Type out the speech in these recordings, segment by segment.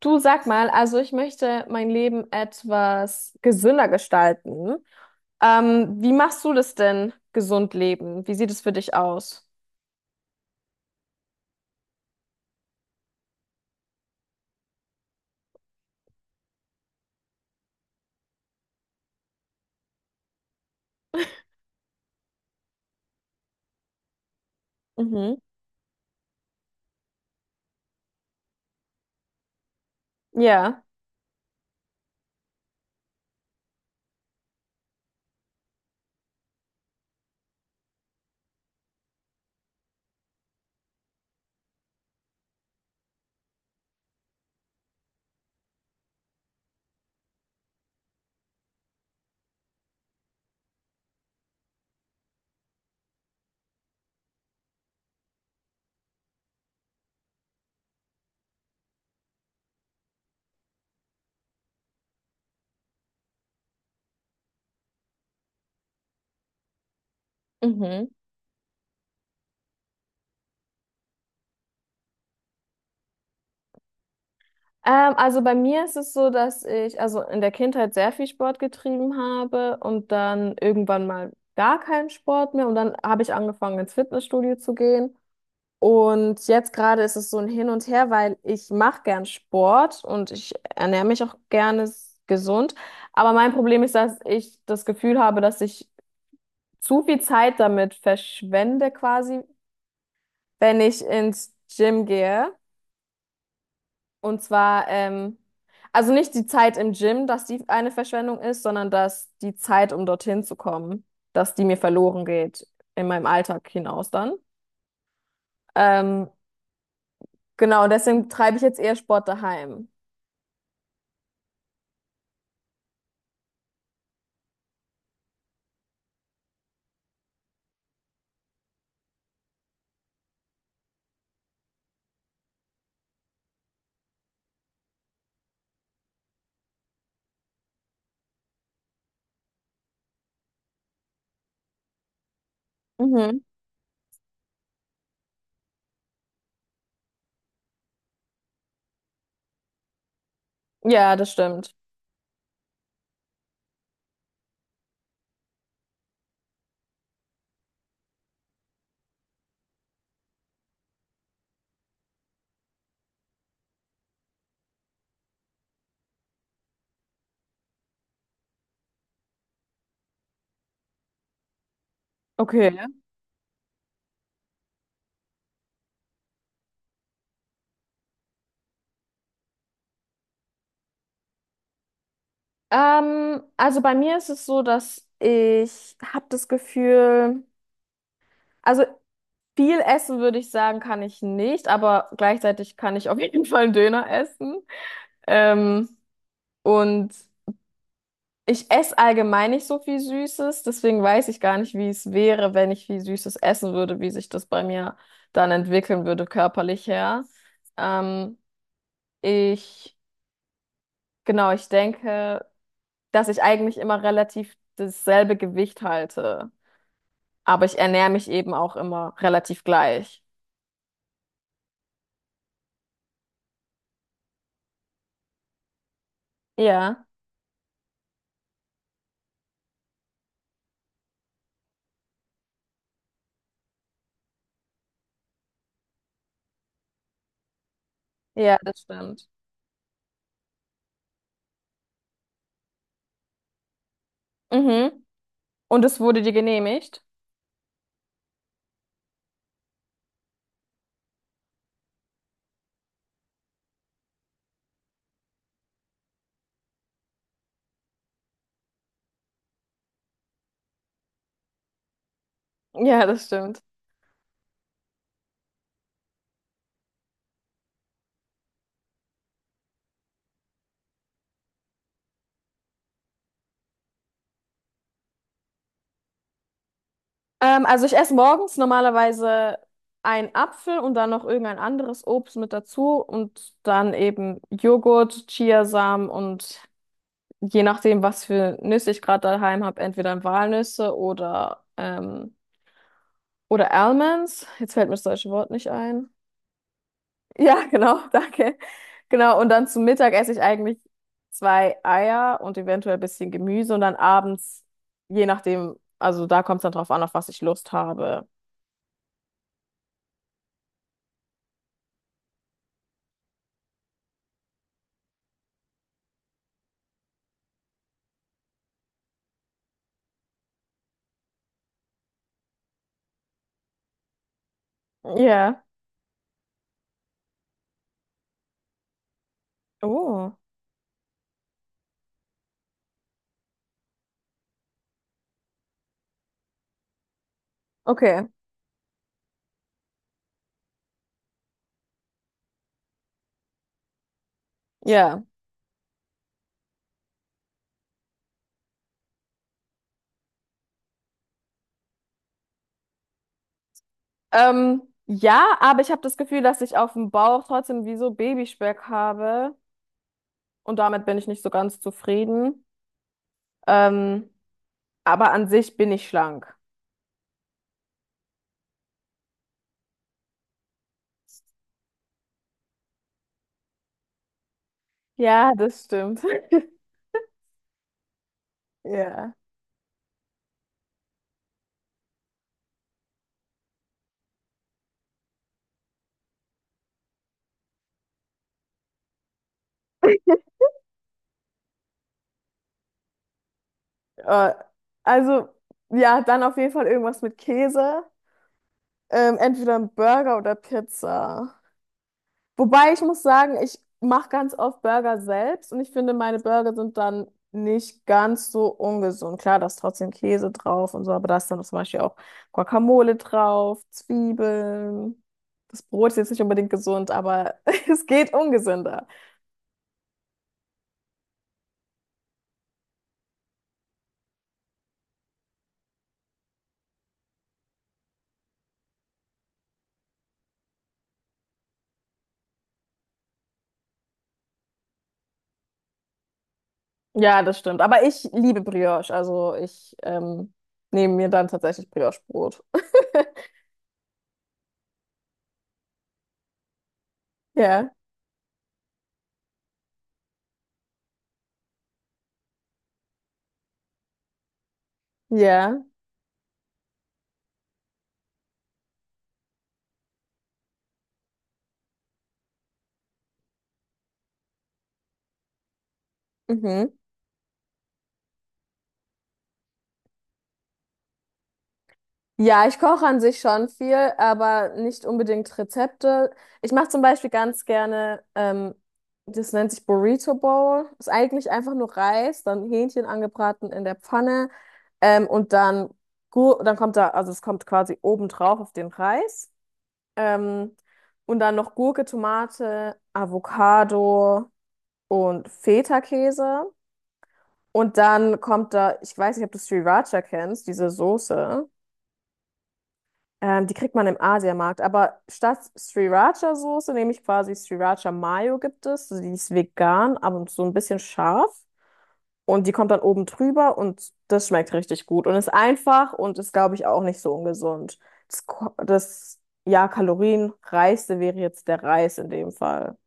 Du sag mal, also ich möchte mein Leben etwas gesünder gestalten. Wie machst du das denn, gesund leben? Wie sieht es für dich aus? Mhm. Ja. Mhm. Also bei mir ist es so, dass ich also in der Kindheit sehr viel Sport getrieben habe und dann irgendwann mal gar keinen Sport mehr, und dann habe ich angefangen ins Fitnessstudio zu gehen. Und jetzt gerade ist es so ein Hin und Her, weil ich mache gern Sport und ich ernähre mich auch gerne gesund. Aber mein Problem ist, dass ich das Gefühl habe, dass ich zu viel Zeit damit verschwende quasi, wenn ich ins Gym gehe. Und zwar, also nicht die Zeit im Gym, dass die eine Verschwendung ist, sondern dass die Zeit, um dorthin zu kommen, dass die mir verloren geht in meinem Alltag hinaus dann. Ähm, genau, deswegen treibe ich jetzt eher Sport daheim. Mhm. Ja, das stimmt. Okay. Ja. Also bei mir ist es so, dass ich habe das Gefühl, also viel essen würde ich sagen, kann ich nicht, aber gleichzeitig kann ich auf jeden Fall einen Döner essen. Ähm, und ich esse allgemein nicht so viel Süßes, deswegen weiß ich gar nicht, wie es wäre, wenn ich viel Süßes essen würde, wie sich das bei mir dann entwickeln würde, körperlich her. Ähm, ich, genau, ich denke, dass ich eigentlich immer relativ dasselbe Gewicht halte. Aber ich ernähre mich eben auch immer relativ gleich. Ja, ja, das stimmt. Mhm. Und es wurde dir genehmigt? Ja, das stimmt. Also ich esse morgens normalerweise einen Apfel und dann noch irgendein anderes Obst mit dazu und dann eben Joghurt, Chiasamen und je nachdem, was für Nüsse ich gerade daheim habe, entweder Walnüsse oder Almonds. Jetzt fällt mir das deutsche Wort nicht ein. Ja, genau, danke. Genau, und dann zum Mittag esse ich eigentlich zwei Eier und eventuell ein bisschen Gemüse und dann abends, je nachdem, also da kommt es dann drauf an, auf was ich Lust habe. Ja. Oh. Okay, ja. Ja, aber ich habe das Gefühl, dass ich auf dem Bauch trotzdem wie so Babyspeck habe und damit bin ich nicht so ganz zufrieden. Ähm, aber an sich bin ich schlank. Ja, das stimmt. Ja. Äh, also, ja, dann auf jeden Fall irgendwas mit Käse. Entweder ein Burger oder Pizza. Wobei ich muss sagen, ich mache ganz oft Burger selbst und ich finde, meine Burger sind dann nicht ganz so ungesund. Klar, da ist trotzdem Käse drauf und so, aber da ist dann zum Beispiel auch Guacamole drauf, Zwiebeln. Das Brot ist jetzt nicht unbedingt gesund, aber es geht ungesünder. Ja, das stimmt. Aber ich liebe Brioche, also ich nehme mir dann tatsächlich Brioche-Brot. Ja, ja, mhm. Ja, ich koche an sich schon viel, aber nicht unbedingt Rezepte. Ich mache zum Beispiel ganz gerne, das nennt sich Burrito Bowl. Ist eigentlich einfach nur Reis, dann Hähnchen angebraten in der Pfanne, ähm, und dann, dann kommt da, also es kommt quasi oben drauf auf den Reis, ähm, und dann noch Gurke, Tomate, Avocado und Feta-Käse. Und dann kommt da, ich weiß nicht, ob du Sriracha kennst, diese Soße. Die kriegt man im Asiamarkt. Aber statt Sriracha-Soße nehme ich quasi Sriracha Mayo gibt es. Die ist vegan, aber so ein bisschen scharf. Und die kommt dann oben drüber und das schmeckt richtig gut. Und ist einfach und ist, glaube ich, auch nicht so ungesund. Das ja, kalorienreichste wäre jetzt der Reis in dem Fall.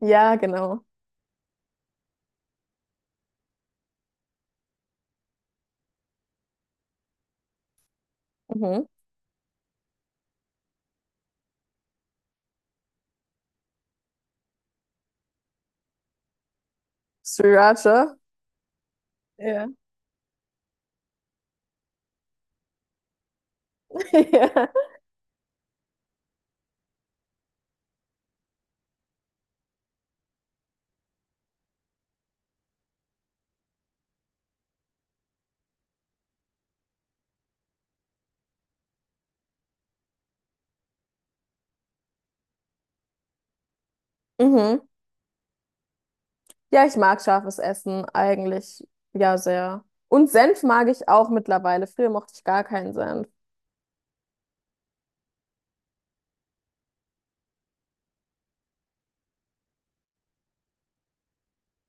Ja, genau. Mhm. Sriracha. Ja. Ja. Mhm. Ja, ich mag scharfes Essen eigentlich ja sehr. Und Senf mag ich auch mittlerweile. Früher mochte ich gar keinen Senf.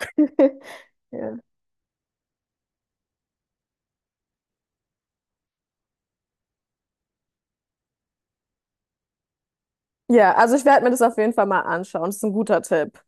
Ja. Ja, also ich werde mir das auf jeden Fall mal anschauen. Das ist ein guter Tipp.